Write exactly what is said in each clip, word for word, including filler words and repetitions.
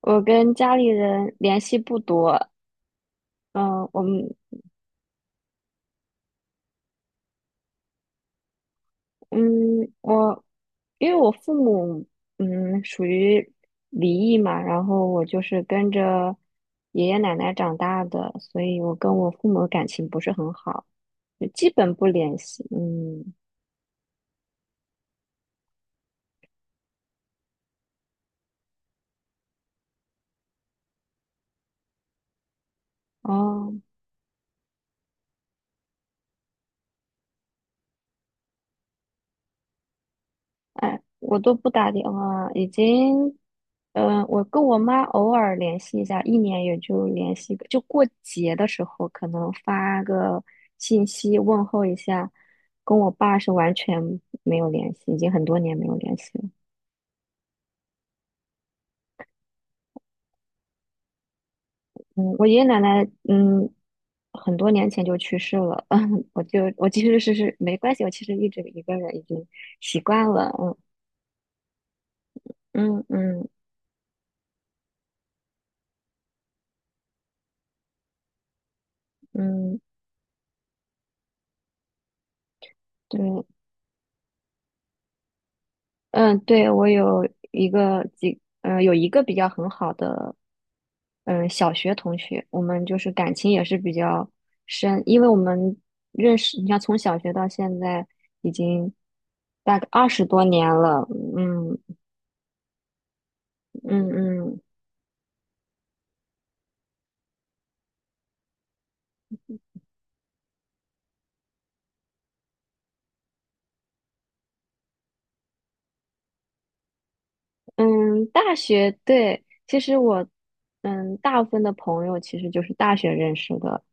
我跟家里人联系不多，嗯，我们，嗯，我，因为我父母，嗯，属于离异嘛，然后我就是跟着爷爷奶奶长大的，所以我跟我父母感情不是很好，就基本不联系。嗯。哦。哎，我都不打电话，已经，嗯、我跟我妈偶尔联系一下，一年也就联系个，就过节的时候可能发个信息问候一下，跟我爸是完全没有联系，已经很多年没有联系了。嗯，我爷爷奶奶，嗯，很多年前就去世了。嗯，我就我其实是是没关系，我其实一直一个人已经习惯了。嗯嗯嗯嗯。对。嗯，对。我有一个几，呃，有一个比较很好的，嗯，小学同学，我们就是感情也是比较深，因为我们认识，你看从小学到现在已经大概二十多年了。嗯嗯嗯嗯。大学，对，其实我，嗯，大部分的朋友其实就是大学认识的。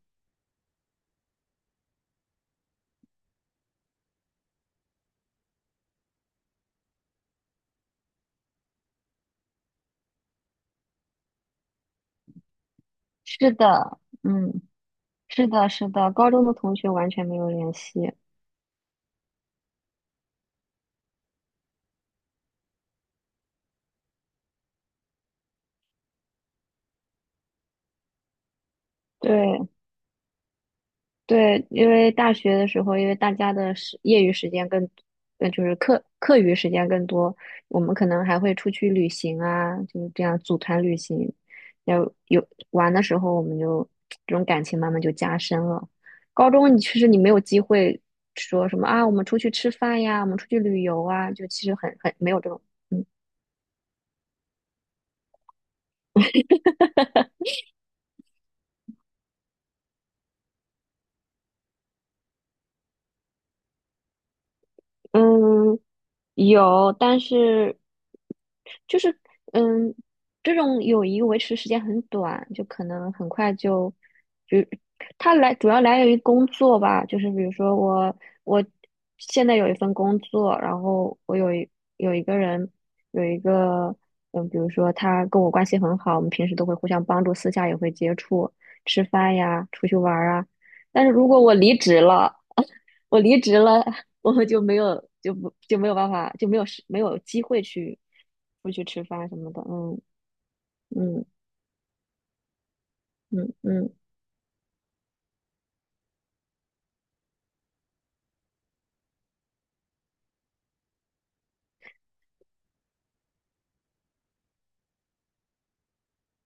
是的。嗯，是的，是的，高中的同学完全没有联系。对，对，因为大学的时候，因为大家的时业余时间更，呃，就是课课余时间更多，我们可能还会出去旅行啊，就是这样组团旅行。要有玩的时候，我们就这种感情慢慢就加深了。高中你其实你没有机会说什么啊，我们出去吃饭呀，我们出去旅游啊，就其实很很没有这种。嗯嗯。有，但是就是嗯，这种友谊维持时间很短，就可能很快就，就它来主要来源于工作吧，就是比如说我我现在有一份工作，然后我有一有一个人有一个嗯，比如说他跟我关系很好，我们平时都会互相帮助，私下也会接触，吃饭呀，出去玩儿啊。但是如果我离职了，我离职了，我就没有就不就没有办法就没有时没有机会去出去吃饭什么的。嗯嗯嗯嗯。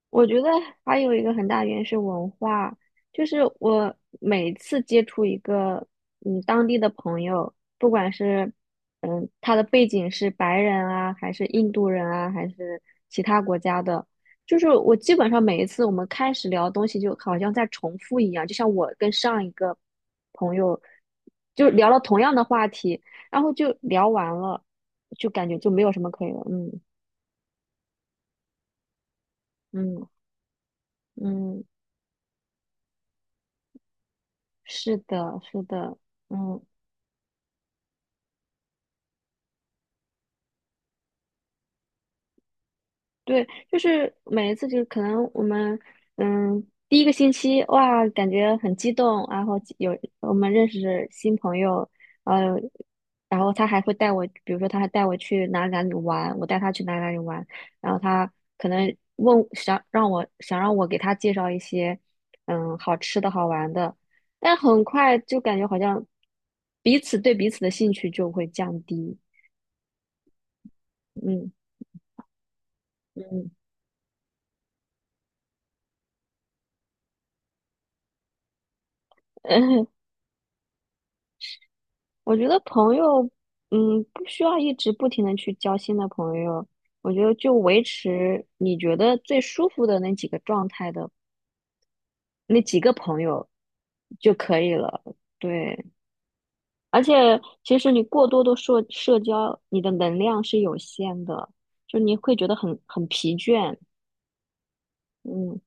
我觉得还有一个很大原因是文化，就是我每次接触一个嗯当地的朋友，不管是嗯他的背景是白人啊，还是印度人啊，还是其他国家的，就是我基本上每一次我们开始聊东西，就好像在重复一样，就像我跟上一个朋友就聊了同样的话题，然后就聊完了，就感觉就没有什么可以了。嗯嗯嗯。是的，是的。嗯，对，就是每一次就可能我们，嗯，第一个星期哇，感觉很激动，然后有我们认识新朋友，呃，然后他还会带我，比如说他还带我去哪里哪里玩，我带他去哪里哪里玩，然后他可能问想让我想让我给他介绍一些，嗯，好吃的好玩的，但很快就感觉好像彼此对彼此的兴趣就会降低。嗯嗯。嗯，我觉得朋友，嗯，不需要一直不停的去交新的朋友。我觉得就维持你觉得最舒服的那几个状态的那几个朋友就可以了。对。而且其实你过多的社社交，你的能量是有限的，就你会觉得很很疲倦。嗯，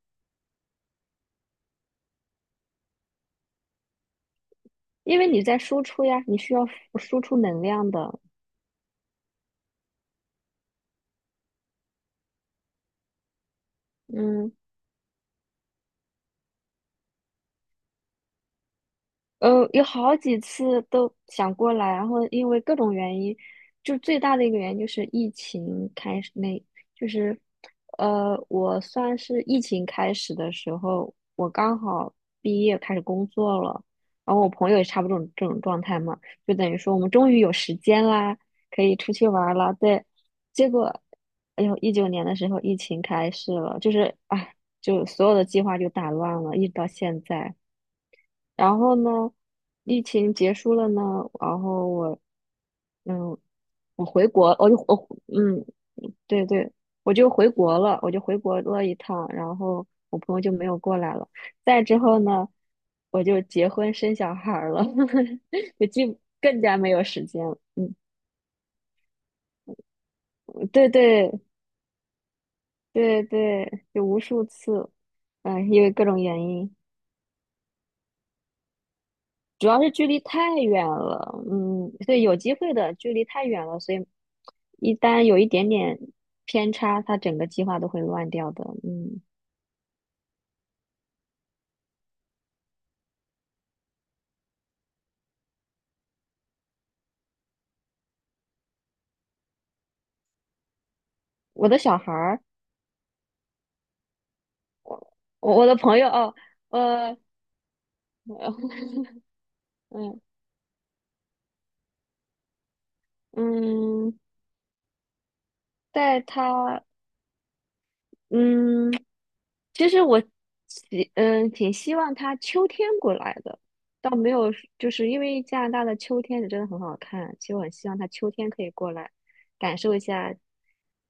因为你在输出呀，你需要输输出能量的。嗯。呃，有好几次都想过来，然后因为各种原因，就最大的一个原因就是疫情开始那，就是，呃，我算是疫情开始的时候，我刚好毕业开始工作了，然后我朋友也差不多这种这种状态嘛，就等于说我们终于有时间啦，可以出去玩儿啦，对，结果，哎呦，一九年的时候疫情开始了，就是啊，就所有的计划就打乱了，一直到现在。然后呢，疫情结束了呢，然后我，嗯，我回国，我就我，嗯，对对，我就回国了，我就回国了一趟，然后我朋友就没有过来了。再之后呢，我就结婚生小孩儿了，就更更加没有时间了嗯，对对对对，就无数次，嗯，因为各种原因。主要是距离太远了。嗯，对，有机会的，距离太远了，所以一旦有一点点偏差，他整个计划都会乱掉的。嗯，我的小孩儿，我我的朋友。哦。呃，嗯嗯，带他嗯，其实我希嗯挺希望他秋天过来的，倒没有，就是因为加拿大的秋天是真的很好看，其实我很希望他秋天可以过来，感受一下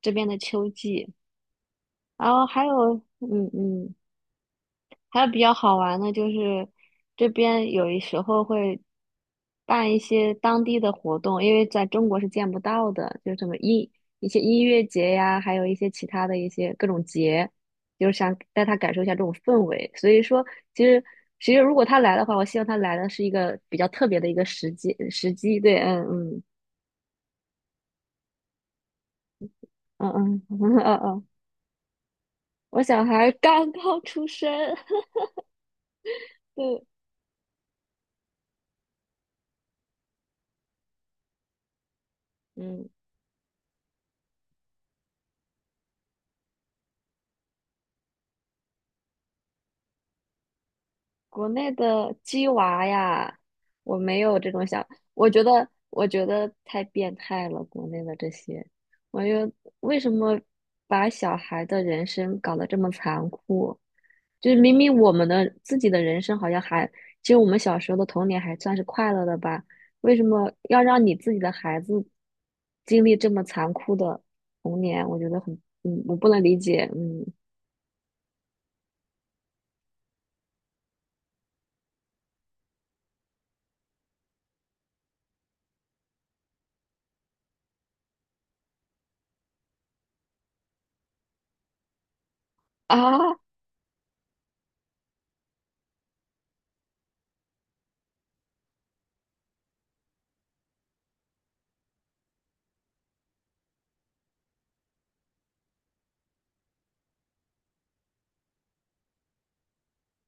这边的秋季。然后还有，嗯嗯，还有比较好玩的就是，这边有一时候会办一些当地的活动，因为在中国是见不到的，就什么音一些音乐节呀，还有一些其他的一些各种节，就是想带他感受一下这种氛围。所以说，其实其实如果他来的话，我希望他来的是一个比较特别的一个时机时机。对。嗯嗯嗯嗯嗯嗯嗯。我小孩刚刚出生。对。嗯。国内的鸡娃呀，我没有这种想，我觉得我觉得太变态了，国内的这些，我觉得为什么把小孩的人生搞得这么残酷？就是明明我们的自己的人生好像还，其实我们小时候的童年还算是快乐的吧，为什么要让你自己的孩子经历这么残酷的童年？我觉得很，嗯，我不能理解。嗯，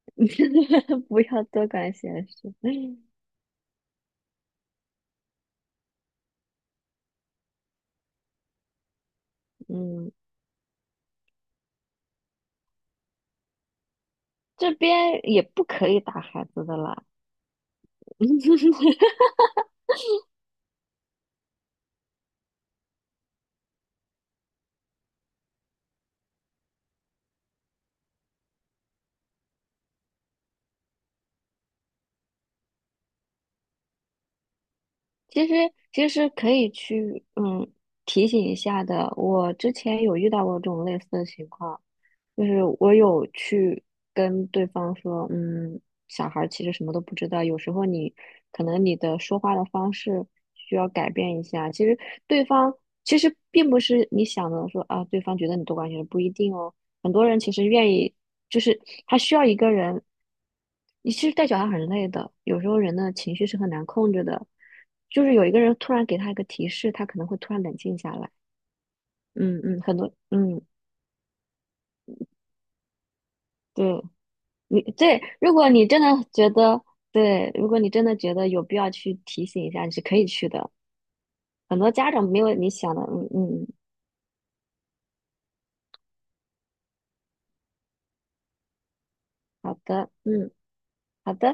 不要多管闲事。嗯。这边也不可以打孩子的啦。其实其实可以去嗯提醒一下的。我之前有遇到过这种类似的情况，就是我有去跟对方说，嗯，小孩儿其实什么都不知道，有时候你可能你的说话的方式需要改变一下。其实对方其实并不是你想的说啊，对方觉得你多管闲事，不一定哦。很多人其实愿意，就是他需要一个人。你其实带小孩很累的，有时候人的情绪是很难控制的，就是有一个人突然给他一个提示，他可能会突然冷静下来。嗯嗯。很多嗯对。你对，如果你真的觉得对，如果你真的觉得有必要去提醒一下，你是可以去的。很多家长没有你想的。嗯嗯。好的。嗯好的。